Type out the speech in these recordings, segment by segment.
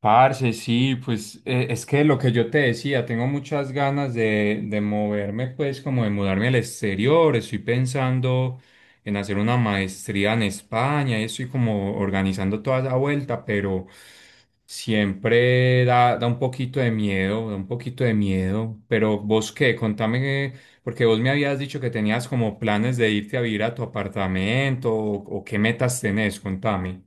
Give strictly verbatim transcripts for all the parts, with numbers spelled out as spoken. Parce, sí, pues eh, es que lo que yo te decía, tengo muchas ganas de, de moverme, pues como de mudarme al exterior, estoy pensando en hacer una maestría en España y estoy como organizando toda esa vuelta, pero siempre da, da un poquito de miedo, da un poquito de miedo, pero vos qué, contame, porque vos me habías dicho que tenías como planes de irte a vivir a tu apartamento o, o qué metas tenés, contame.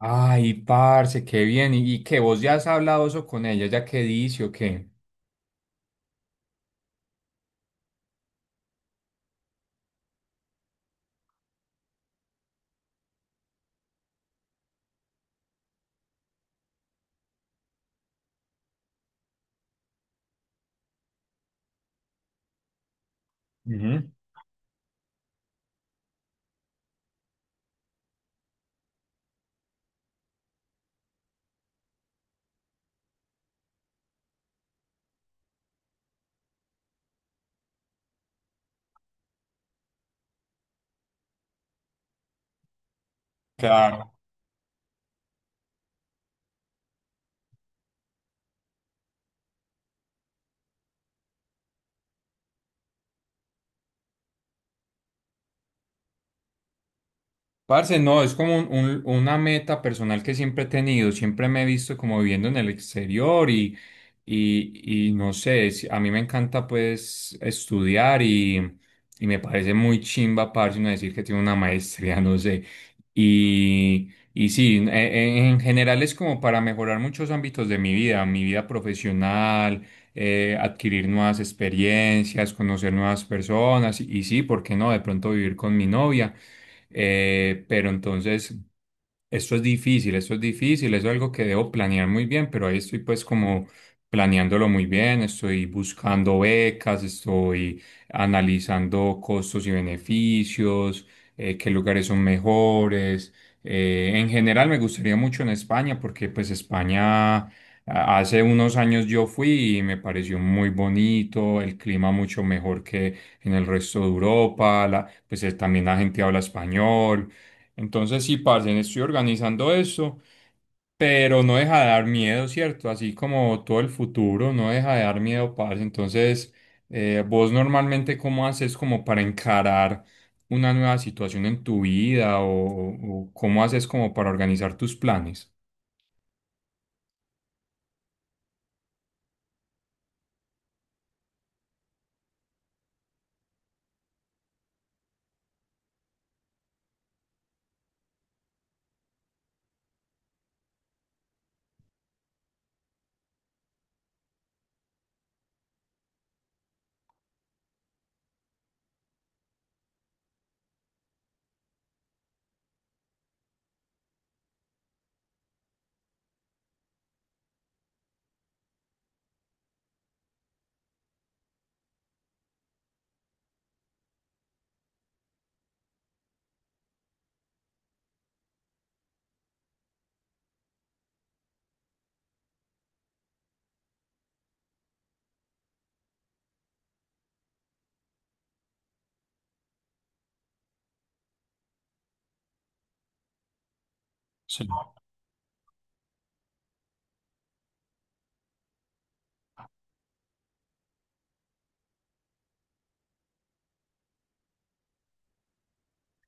Ay, parce, qué bien. ¿Y, y qué? ¿Vos ya has hablado eso con ella? ¿Ya qué dice o qué? Ujú. Claro. Parce, no, es como un- un- una meta personal que siempre he tenido. Siempre me he visto como viviendo en el exterior y, y, y no sé, si- a mí me encanta pues estudiar y, y me parece muy chimba, parce, uno decir que tiene una maestría, no sé. Y, y sí, en, en en general es como para mejorar muchos ámbitos de mi vida, mi vida profesional, eh, adquirir nuevas experiencias, conocer nuevas personas y, y sí, ¿por qué no? De pronto vivir con mi novia. Eh, pero entonces, esto es difícil, esto es difícil, eso es algo que debo planear muy bien, pero ahí estoy pues como planeándolo muy bien, estoy buscando becas, estoy analizando costos y beneficios, eh, qué lugares son mejores. Eh, en general me gustaría mucho en España porque pues España a- Hace unos años yo fui y me pareció muy bonito, el clima mucho mejor que en el resto de Europa, la- pues eh, también la gente habla español. Entonces sí, parce, estoy organizando eso, pero no deja de dar miedo, ¿cierto? Así como todo el futuro, no deja de dar miedo, parce. Entonces, eh, vos normalmente cómo haces como para encarar una nueva situación en tu vida o o- o cómo haces como para organizar tus planes? Sí.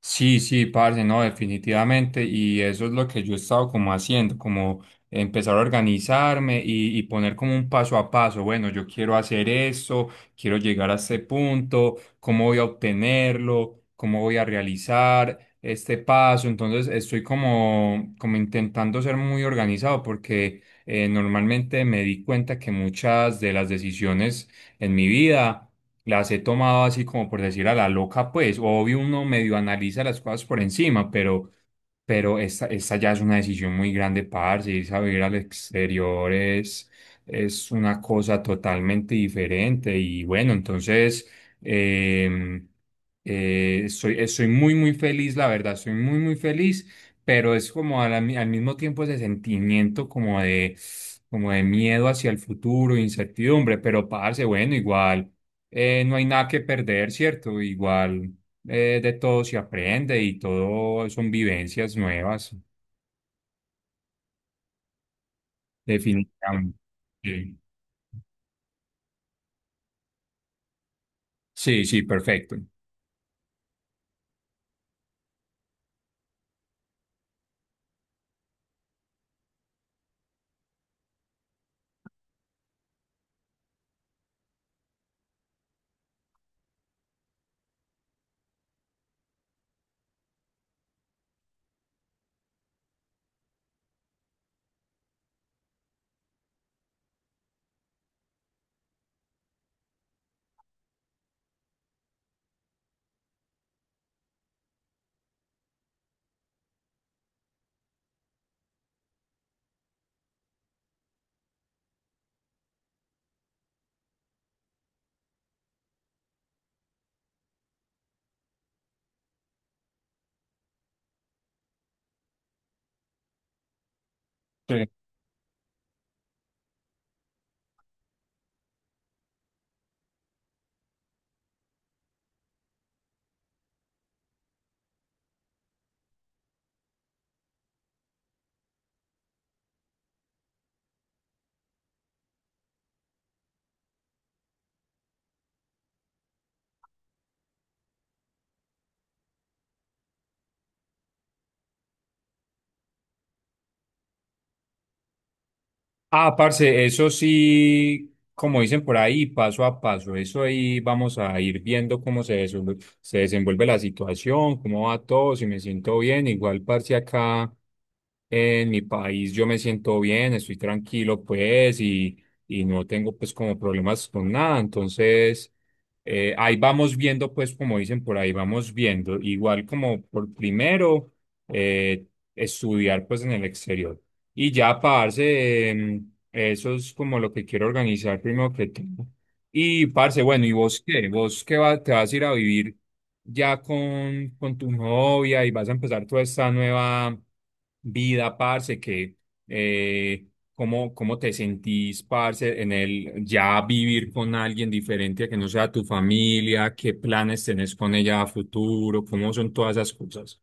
Sí, sí, parce, no, definitivamente. Y eso es lo que yo he estado como haciendo, como empezar a organizarme y, y poner como un paso a paso. Bueno, yo quiero hacer esto, quiero llegar a este punto, cómo voy a obtenerlo, cómo voy a realizar este paso. Entonces estoy como, como intentando ser muy organizado porque eh, normalmente me di cuenta que muchas de las decisiones en mi vida las he tomado así como por decir a la loca, pues obvio uno medio analiza las cosas por encima, pero pero esta, esta ya es una decisión muy grande, parce, irse a vivir al exterior es, es una cosa totalmente diferente y bueno, entonces em, eh, eh, estoy, estoy muy, muy feliz, la verdad, estoy muy, muy feliz, pero es como a la mi- al, mismo tiempo ese sentimiento como de, como de miedo hacia el futuro, incertidumbre, pero parce, bueno, igual, eh, no hay nada que perder, ¿cierto? Igual, eh, de todo se aprende y todo son vivencias nuevas, definitivamente. Sí, sí, sí, perfecto. Ah, parce, eso sí, como dicen por ahí, paso a paso, eso ahí vamos a ir viendo cómo se desenvuelve, se desenvuelve la situación, cómo va todo, si me siento bien. Igual, parce, acá en mi país yo me siento bien, estoy tranquilo, pues, y, y no tengo, pues, como problemas con nada. Entonces, eh, ahí vamos viendo, pues, como dicen por ahí, vamos viendo. Igual como por primero, eh, estudiar, pues, en el exterior. Y ya, parce, em, eso es como lo que quiero organizar primero que todo. Y, parce, bueno, ¿y vos qué? ¿Vos qué va- te vas a ir a vivir ya con, con tu novia y vas a empezar toda esta nueva vida, parce? Que, eh, ¿cómo, cómo te sentís, parce, en el ya vivir con alguien diferente a que no sea tu familia? ¿Qué planes tenés con ella a futuro? ¿Cómo son todas esas cosas?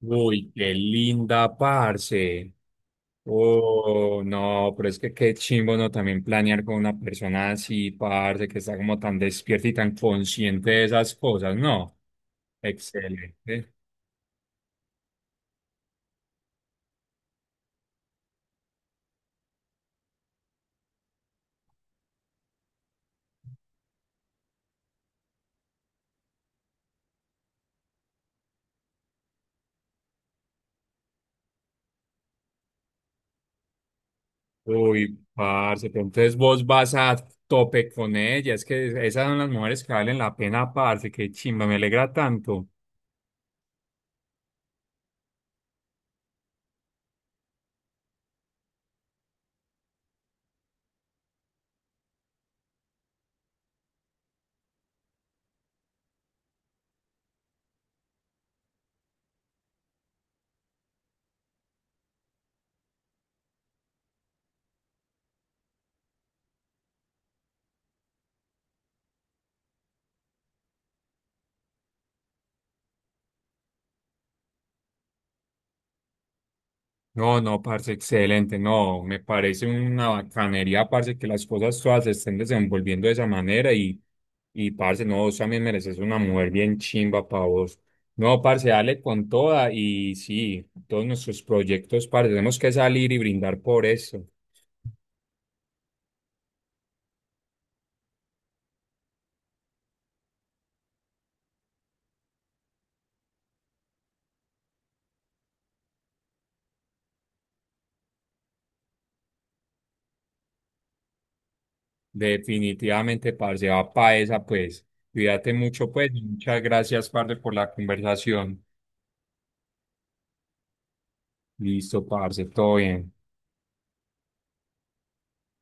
Uy, qué linda, parce. Oh, no, pero es que qué chimbo, ¿no? También planear con una persona así, parce, que está como tan despierta y tan consciente de esas cosas, ¿no? Excelente. Uy, parce, pero entonces vos vas a tope con ella, es que esas son las mujeres que valen la pena, parce, qué chimba, me alegra tanto. No, no, parce, excelente. No, me parece una bacanería, parce, que las cosas todas se estén desenvolviendo de esa manera y, y parce, no, vos también mereces una mujer bien chimba para vos. No, parce, dale con toda y sí, todos nuestros proyectos, parce, tenemos que salir y brindar por eso. Definitivamente, parce, va para esa, pues. Cuídate mucho, pues. Muchas gracias, parce, por la conversación. Listo, parce, todo bien.